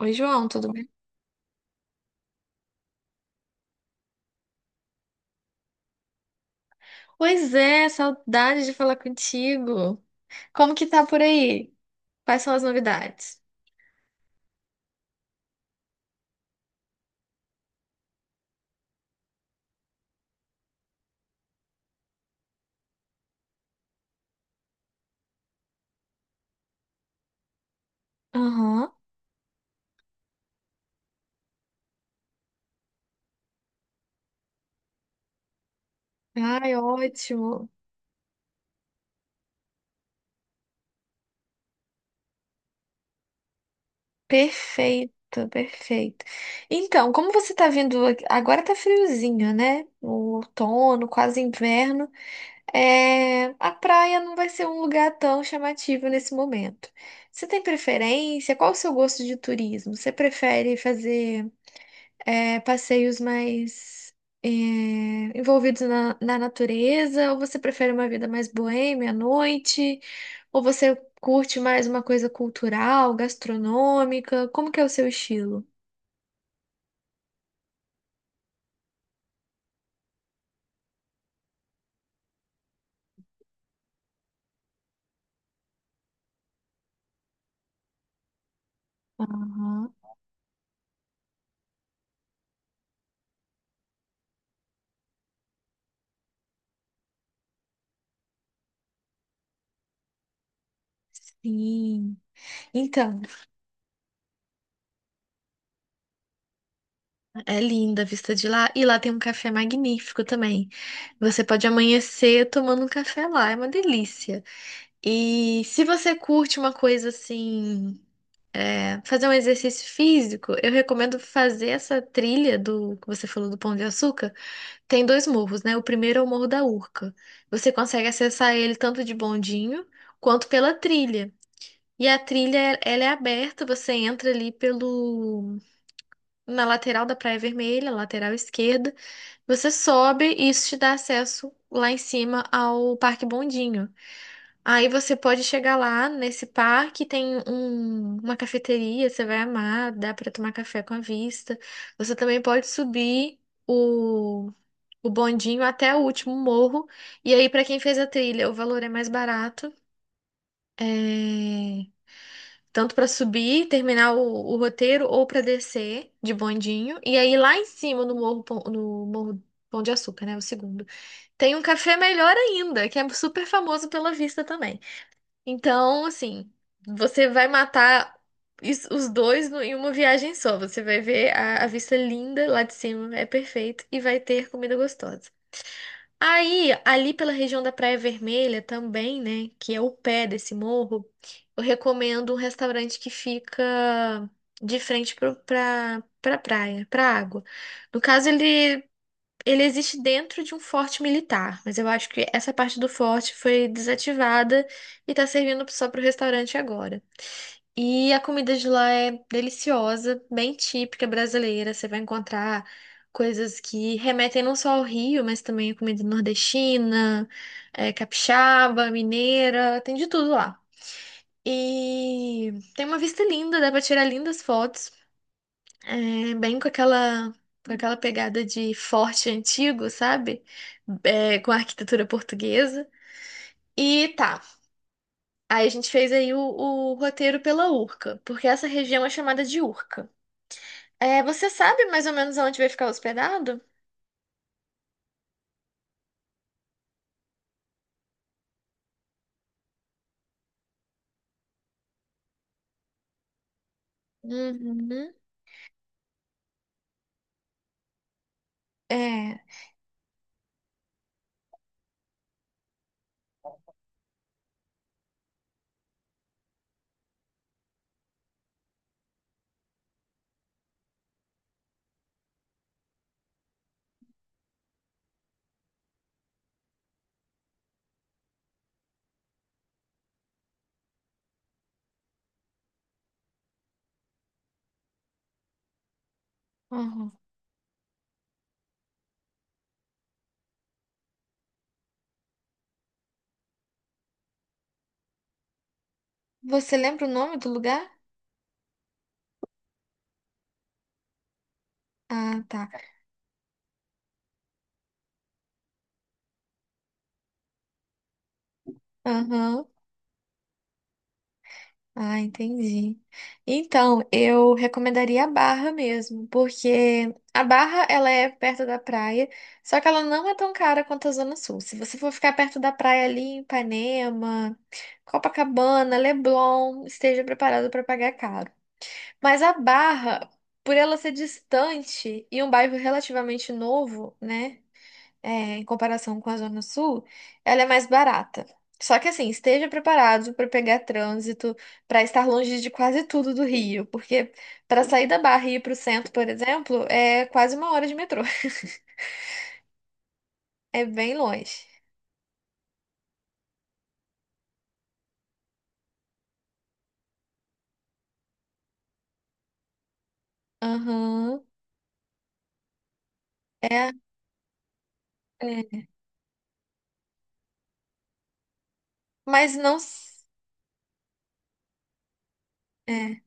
Oi, João, tudo bem? Pois é, saudade de falar contigo. Como que tá por aí? Quais são as novidades? Aham. Ai, ótimo. Perfeito, perfeito. Então, como você tá vindo, agora tá friozinho, né? O outono, quase inverno. A praia não vai ser um lugar tão chamativo nesse momento. Você tem preferência? Qual o seu gosto de turismo? Você prefere fazer passeios mais envolvidos na natureza? Ou você prefere uma vida mais boêmia à noite? Ou você curte mais uma coisa cultural, gastronômica? Como que é o seu estilo? Aham. Sim. Então, é linda a vista de lá. E lá tem um café magnífico também. Você pode amanhecer tomando um café lá, é uma delícia. E se você curte uma coisa assim, fazer um exercício físico, eu recomendo fazer essa trilha do que você falou do Pão de Açúcar. Tem dois morros, né? O primeiro é o Morro da Urca. Você consegue acessar ele tanto de bondinho quanto pela trilha. E a trilha, ela é aberta, você entra ali pelo na lateral da Praia Vermelha, lateral esquerda. Você sobe e isso te dá acesso lá em cima ao Parque Bondinho. Aí você pode chegar lá nesse parque, tem uma cafeteria, você vai amar, dá para tomar café com a vista. Você também pode subir o, o bondinho até o último morro. E aí, para quem fez a trilha, o valor é mais barato, é, tanto para subir, terminar o roteiro, ou para descer de bondinho. E aí, lá em cima, no morro Pão de Açúcar, né? O segundo, tem um café melhor ainda, que é super famoso pela vista também. Então, assim, você vai matar os dois em uma viagem só. Você vai ver a vista linda lá de cima, é perfeito, e vai ter comida gostosa. Aí, ali pela região da Praia Vermelha também, né, que é o pé desse morro, eu recomendo um restaurante que fica de frente pra praia, pra água. No caso, ele existe dentro de um forte militar, mas eu acho que essa parte do forte foi desativada e tá servindo só pro restaurante agora. E a comida de lá é deliciosa, bem típica brasileira. Você vai encontrar coisas que remetem não só ao Rio, mas também a comida nordestina, capixaba, mineira, tem de tudo lá. E tem uma vista linda, dá pra tirar lindas fotos. Bem com aquela pegada de forte antigo, sabe? Com a arquitetura portuguesa. E tá, aí a gente fez aí o roteiro pela Urca, porque essa região é chamada de Urca. Você sabe mais ou menos onde vai ficar hospedado? Uhum. É. Uhum. Você lembra o nome do lugar? Ah, tá. Aham. Ah, entendi. Então, eu recomendaria a Barra mesmo, porque a Barra ela é perto da praia, só que ela não é tão cara quanto a Zona Sul. Se você for ficar perto da praia ali em Ipanema, Copacabana, Leblon, esteja preparado para pagar caro. Mas a Barra, por ela ser distante e um bairro relativamente novo, né? é, Em comparação com a Zona Sul, ela é mais barata. Só que assim, esteja preparado para pegar trânsito, para estar longe de quase tudo do Rio, porque para sair da Barra e ir para o centro, por exemplo, é quase uma hora de metrô. É bem longe. Aham. É, é. Mas não. É.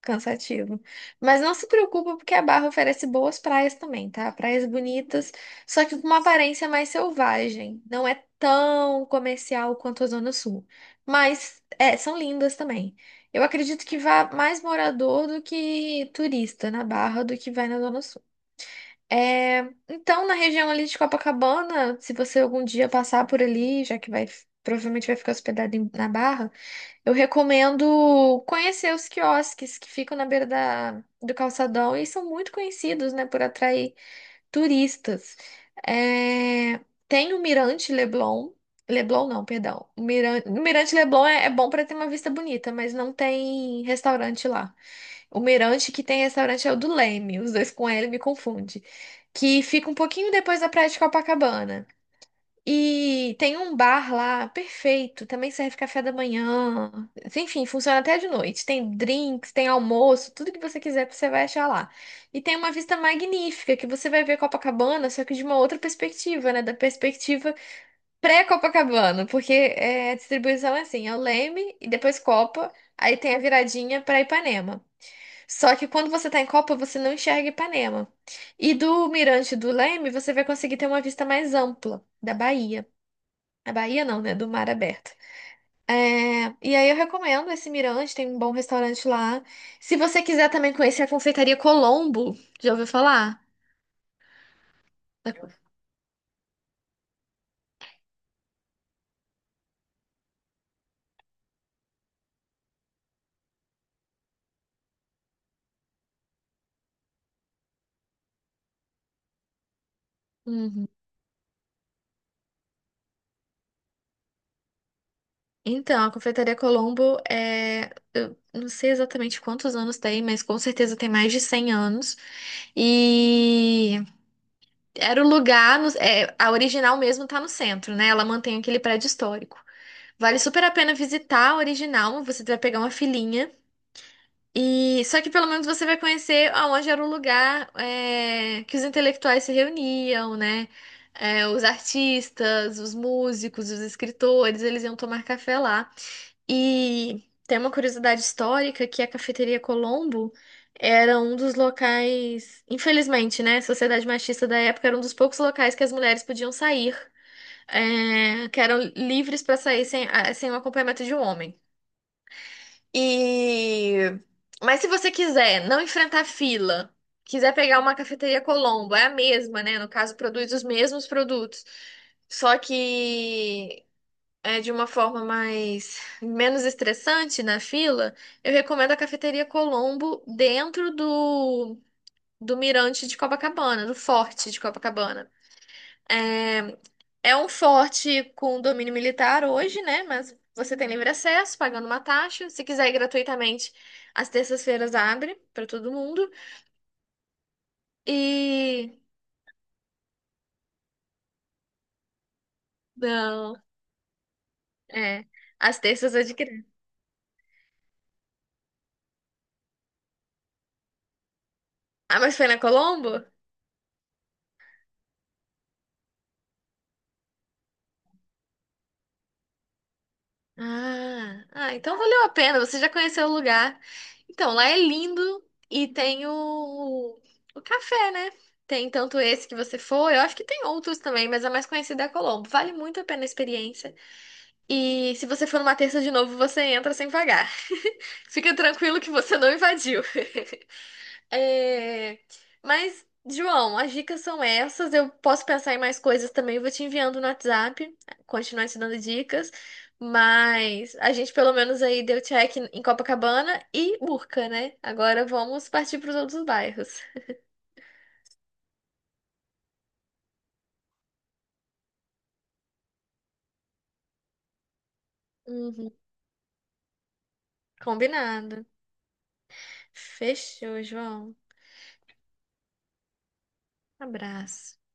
Cansativo. Mas não se preocupa, porque a Barra oferece boas praias também, tá? Praias bonitas, só que com uma aparência mais selvagem. Não é tão comercial quanto a Zona Sul. Mas são lindas também. Eu acredito que vá mais morador do que turista na Barra do que vai na Zona Sul. É, então, na região ali de Copacabana, se você algum dia passar por ali, já que vai, provavelmente vai ficar hospedado na Barra. Eu recomendo conhecer os quiosques que ficam na beira do calçadão e são muito conhecidos, né, por atrair turistas. É, Tem o Mirante Leblon. Leblon não, perdão. O Mirante Leblon é bom para ter uma vista bonita, mas não tem restaurante lá. O Mirante que tem restaurante é o do Leme, os dois com L me confunde, que fica um pouquinho depois da Praia de Copacabana. E tem um bar lá, perfeito, também serve café da manhã. Enfim, funciona até de noite. Tem drinks, tem almoço, tudo que você quiser você vai achar lá. E tem uma vista magnífica que você vai ver Copacabana, só que de uma outra perspectiva, né? Da perspectiva pré-Copacabana, porque a distribuição é assim, é o Leme e depois Copa, aí tem a viradinha para Ipanema. Só que quando você tá em Copa, você não enxerga Ipanema. E do mirante do Leme, você vai conseguir ter uma vista mais ampla da Bahia. A Bahia não, né? Do mar aberto. E aí eu recomendo esse Mirante, tem um bom restaurante lá. Se você quiser também conhecer a Confeitaria Colombo, já ouviu falar? Uhum. Então, a Confeitaria Colombo. Eu não sei exatamente quantos anos tem, mas com certeza tem mais de 100 anos. E era o lugar, a original mesmo tá no centro, né? Ela mantém aquele prédio histórico. Vale super a pena visitar a original, você vai pegar uma filinha. E só que pelo menos você vai conhecer aonde era o lugar que os intelectuais se reuniam, né? Os artistas, os músicos, os escritores, eles iam tomar café lá. E tem uma curiosidade histórica que a Cafeteria Colombo era um dos locais, infelizmente, né? A sociedade machista da época era um dos poucos locais que as mulheres podiam sair, que eram livres para sair sem o acompanhamento de um homem. E mas se você quiser não enfrentar fila, quiser pegar uma cafeteria Colombo, é a mesma, né? No caso, produz os mesmos produtos, só que é de uma forma mais menos estressante na fila. Eu recomendo a cafeteria Colombo dentro do Mirante de Copacabana, do Forte de Copacabana. É, É um forte com domínio militar hoje, né? Mas você tem livre acesso, pagando uma taxa. Se quiser ir gratuitamente, às terças-feiras abre para todo mundo. E. Não, é. Às terças é de criança. Ah, mas foi na Colombo? Ah, ah, então valeu a pena. Você já conheceu o lugar. Então, lá é lindo e tem o café, né? Tem tanto esse que você foi, eu acho que tem outros também, mas a mais conhecida é a Colombo. Vale muito a pena a experiência. E se você for numa terça de novo, você entra sem pagar. Fica tranquilo que você não invadiu. É, Mas, João, as dicas são essas. Eu posso pensar em mais coisas também. Vou te enviando no WhatsApp, continuar te dando dicas. Mas a gente pelo menos aí deu check em Copacabana e Urca, né? Agora vamos partir para os outros bairros. Uhum, combinado. Fechou, João. Abraço.